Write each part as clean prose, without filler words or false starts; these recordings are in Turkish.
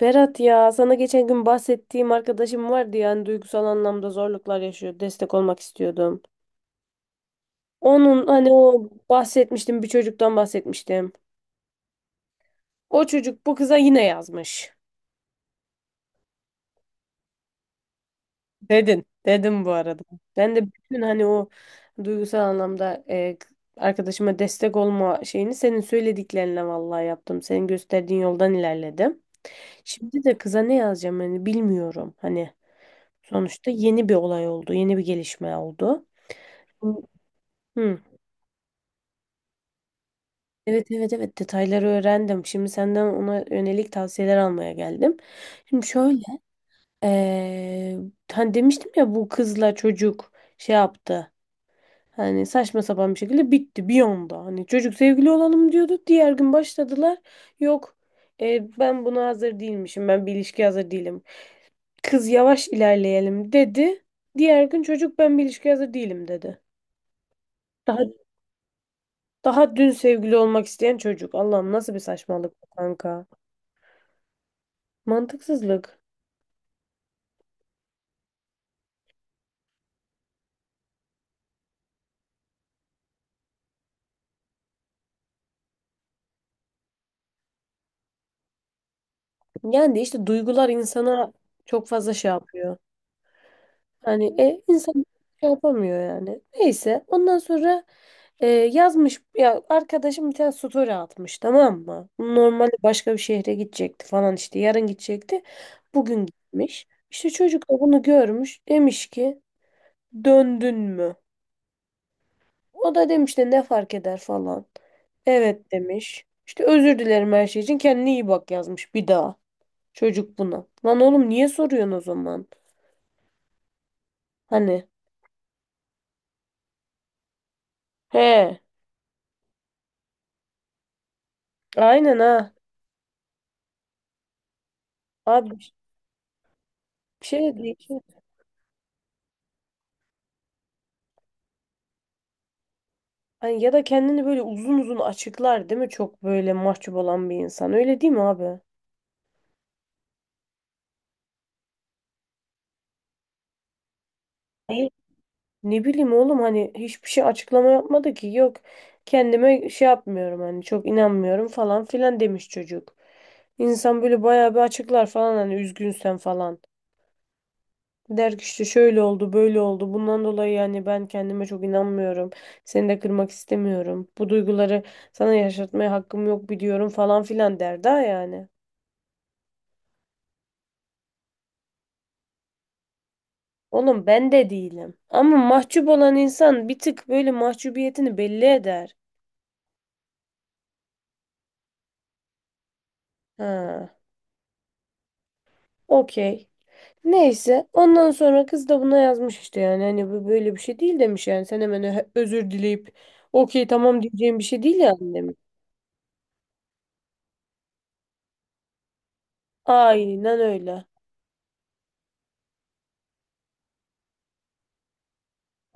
Berat ya sana geçen gün bahsettiğim arkadaşım vardı, yani duygusal anlamda zorluklar yaşıyor. Destek olmak istiyordum. Onun hani o bahsetmiştim, bir çocuktan bahsetmiştim. O çocuk bu kıza yine yazmış. Dedin. Dedim bu arada. Ben de bütün hani o duygusal anlamda arkadaşıma destek olma şeyini senin söylediklerinle vallahi yaptım. Senin gösterdiğin yoldan ilerledim. Şimdi de kıza ne yazacağım hani, bilmiyorum. Hani sonuçta yeni bir olay oldu, yeni bir gelişme oldu. Hı. Evet evet evet, detayları öğrendim. Şimdi senden ona yönelik tavsiyeler almaya geldim. Şimdi şöyle, eee hani demiştim ya, bu kızla çocuk şey yaptı. Hani saçma sapan bir şekilde bitti bir anda. Hani çocuk sevgili olalım diyordu. Diğer gün başladılar. Yok, ben buna hazır değilmişim. Ben bir ilişkiye hazır değilim. Kız yavaş ilerleyelim dedi. Diğer gün çocuk ben bir ilişkiye hazır değilim dedi. Daha, daha dün sevgili olmak isteyen çocuk. Allah'ım, nasıl bir saçmalık bu kanka. Mantıksızlık. Yani de işte duygular insana çok fazla şey yapıyor. Hani insan şey yapamıyor yani. Neyse, ondan sonra yazmış ya arkadaşım, bir tane story atmış, tamam mı? Normalde başka bir şehre gidecekti falan, işte yarın gidecekti. Bugün gitmiş. İşte çocuk da bunu görmüş. Demiş ki, döndün mü? O da demiş de, ne fark eder falan. Evet demiş. İşte özür dilerim her şey için, kendine iyi bak yazmış bir daha. Çocuk buna. Lan oğlum, niye soruyorsun o zaman? Hani. He. Aynen ha. Abi bir şey de değişir. Hani ya da kendini böyle uzun uzun açıklar, değil mi? Çok böyle mahcup olan bir insan. Öyle değil mi abi? Hayır. Ne bileyim oğlum, hani hiçbir şey açıklama yapmadı ki. Yok, kendime şey yapmıyorum hani, çok inanmıyorum falan filan demiş çocuk. İnsan böyle bayağı bir açıklar falan hani, üzgünsen falan. Der ki işte şöyle oldu, böyle oldu. Bundan dolayı yani ben kendime çok inanmıyorum. Seni de kırmak istemiyorum. Bu duyguları sana yaşatmaya hakkım yok biliyorum falan filan der daha, yani. Oğlum ben de değilim. Ama mahcup olan insan bir tık böyle mahcubiyetini belli eder. Ha, okey. Neyse ondan sonra kız da buna yazmış işte, yani hani bu böyle bir şey değil demiş, yani sen hemen özür dileyip okey tamam diyeceğim bir şey değil yani demiş. Aynen öyle.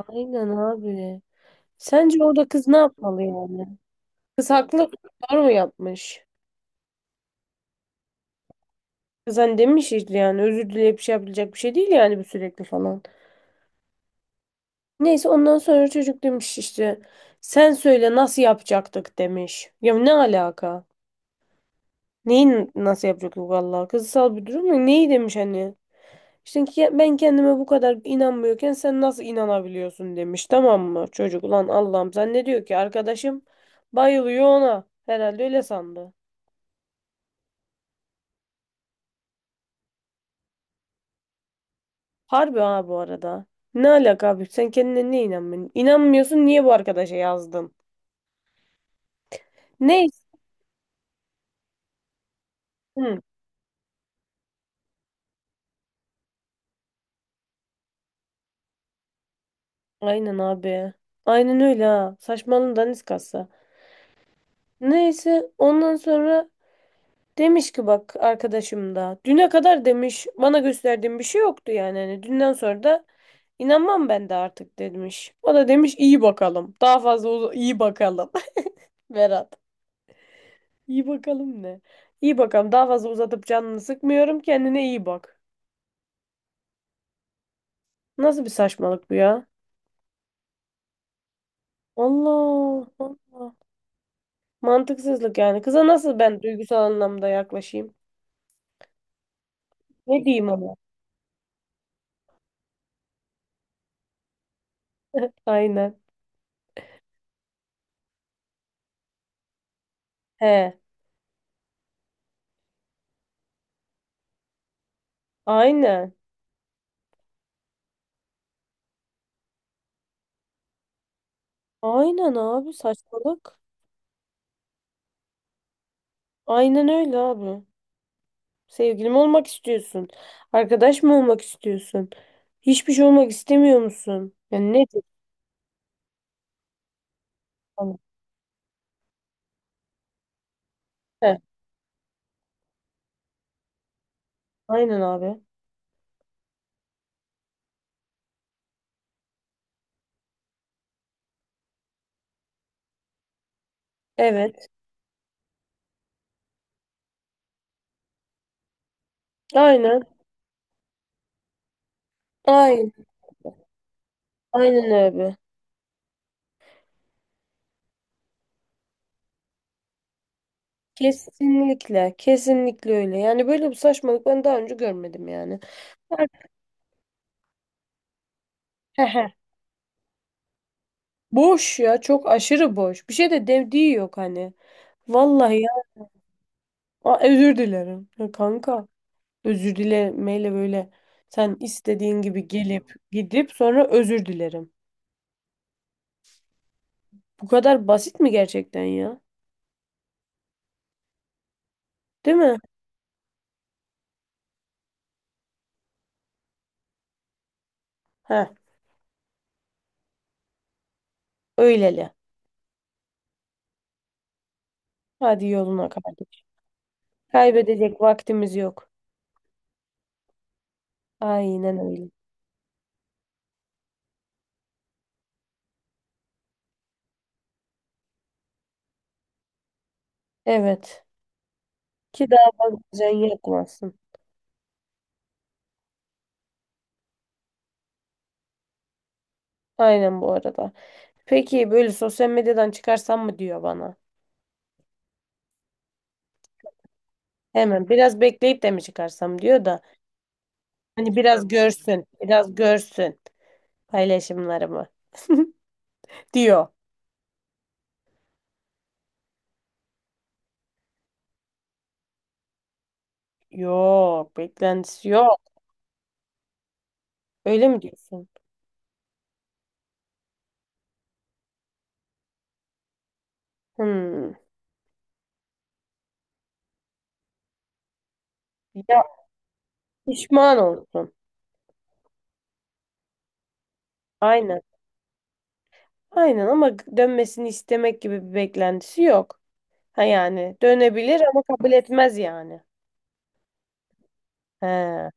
Aynen abi. Sence orada kız ne yapmalı yani? Kız haklı, doğru mu yapmış? Kız hani demiş işte, yani özür dileyip şey yapabilecek bir şey değil yani bu, sürekli falan. Neyse ondan sonra çocuk demiş işte, sen söyle nasıl yapacaktık demiş. Ya ne alaka? Neyi nasıl yapacaktık vallahi? Kızsal bir durum mu? Neyi demiş hani? İşte ki ben kendime bu kadar inanmıyorken sen nasıl inanabiliyorsun demiş, tamam mı? Çocuk ulan, Allah'ım sen ne diyor ki, arkadaşım bayılıyor ona. Herhalde öyle sandı. Harbi ha bu arada. Ne alaka abi? Sen kendine niye inanmıyorsun? İnanmıyorsun, niye bu arkadaşa yazdın? Neyse. Hı. Aynen abi. Aynen öyle ha. Saçmalığın daniskası. Neyse ondan sonra demiş ki, bak arkadaşım da. Düne kadar demiş bana gösterdiğin bir şey yoktu yani. Hani dünden sonra da inanmam ben de artık demiş. O da demiş iyi bakalım. Daha fazla iyi bakalım. Berat. İyi bakalım ne? İyi bakalım. Daha fazla uzatıp canını sıkmıyorum. Kendine iyi bak. Nasıl bir saçmalık bu ya? Allah Allah. Mantıksızlık yani. Kıza nasıl ben duygusal anlamda yaklaşayım? Ne diyeyim ona? Aynen. He. Aynen. Aynen abi, saçmalık. Aynen öyle abi. Sevgilim olmak istiyorsun. Arkadaş mı olmak istiyorsun? Hiçbir şey olmak istemiyor musun? Yani ne diyorsun? He. Aynen abi. Evet. Aynen. Aynen. Aynen abi. Kesinlikle, kesinlikle öyle. Yani böyle bir saçmalık ben daha önce görmedim yani. Hehe. Boş ya, çok aşırı boş. Bir şey de dediği yok hani. Vallahi ya. Aa, özür dilerim. Ya kanka, özür dilemeyle böyle sen istediğin gibi gelip gidip sonra özür dilerim. Bu kadar basit mi gerçekten ya? Değil mi? Heh, öyleli. Hadi yoluna kardeş. Kaybedecek vaktimiz yok. Aynen öyle. Evet. Ki daha fazla can yakmasın. Aynen bu arada. Peki, böyle sosyal medyadan çıkarsam mı diyor bana. Hemen biraz bekleyip de mi çıkarsam diyor da, hani biraz görsün, biraz görsün paylaşımlarımı diyor. Yok, beklentisi yok. Öyle mi diyorsun? Hmm. Ya pişman olsun. Aynen. Aynen ama dönmesini istemek gibi bir beklentisi yok. Ha yani dönebilir ama kabul etmez yani. He,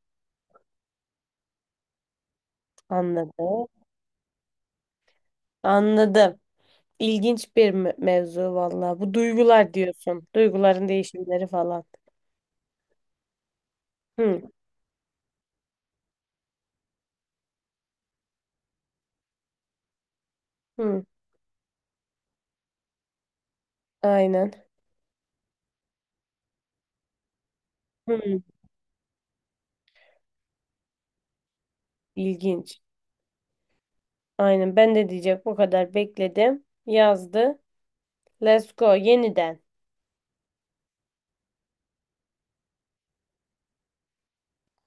anladım. Anladım. İlginç bir mevzu vallahi. Bu duygular diyorsun. Duyguların değişimleri falan. Hı, hı. Aynen. Hmm, ilginç. Aynen, ben de diyecek bu kadar bekledim. Yazdı. Let's go yeniden.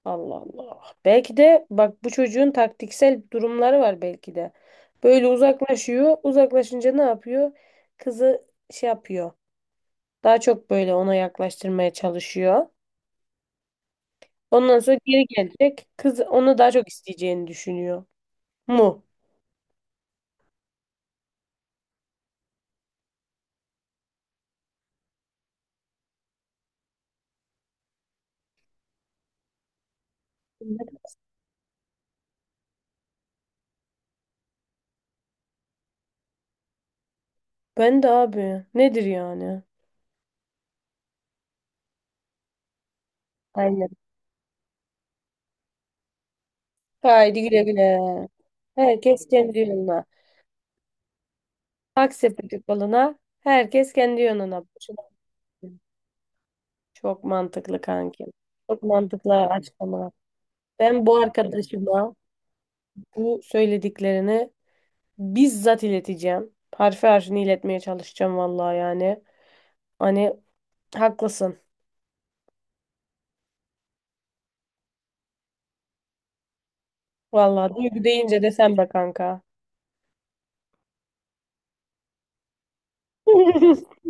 Allah Allah. Belki de bak, bu çocuğun taktiksel durumları var belki de. Böyle uzaklaşıyor. Uzaklaşınca ne yapıyor? Kızı şey yapıyor. Daha çok böyle ona yaklaştırmaya çalışıyor. Ondan sonra geri gelecek. Kız onu daha çok isteyeceğini düşünüyor. Mu? Ben de abi. Nedir yani? Aynen. Haydi güle güle. Herkes kendi yoluna. Akseptik balına herkes kendi yönüne. Çok mantıklı kanki. Çok mantıklı açıklamalar. Ben bu arkadaşıma bu söylediklerini bizzat ileteceğim. Harfi harfini iletmeye çalışacağım vallahi yani. Hani haklısın. Vallahi duygu deyince de sen be kanka.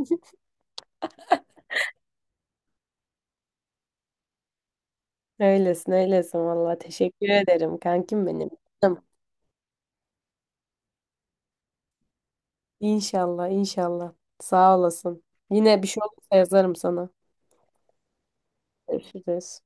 Öylesin öylesin vallahi. Teşekkür ederim kankim benim. Canım. İnşallah inşallah. Sağ olasın. Yine bir şey olursa yazarım sana. Görüşürüz.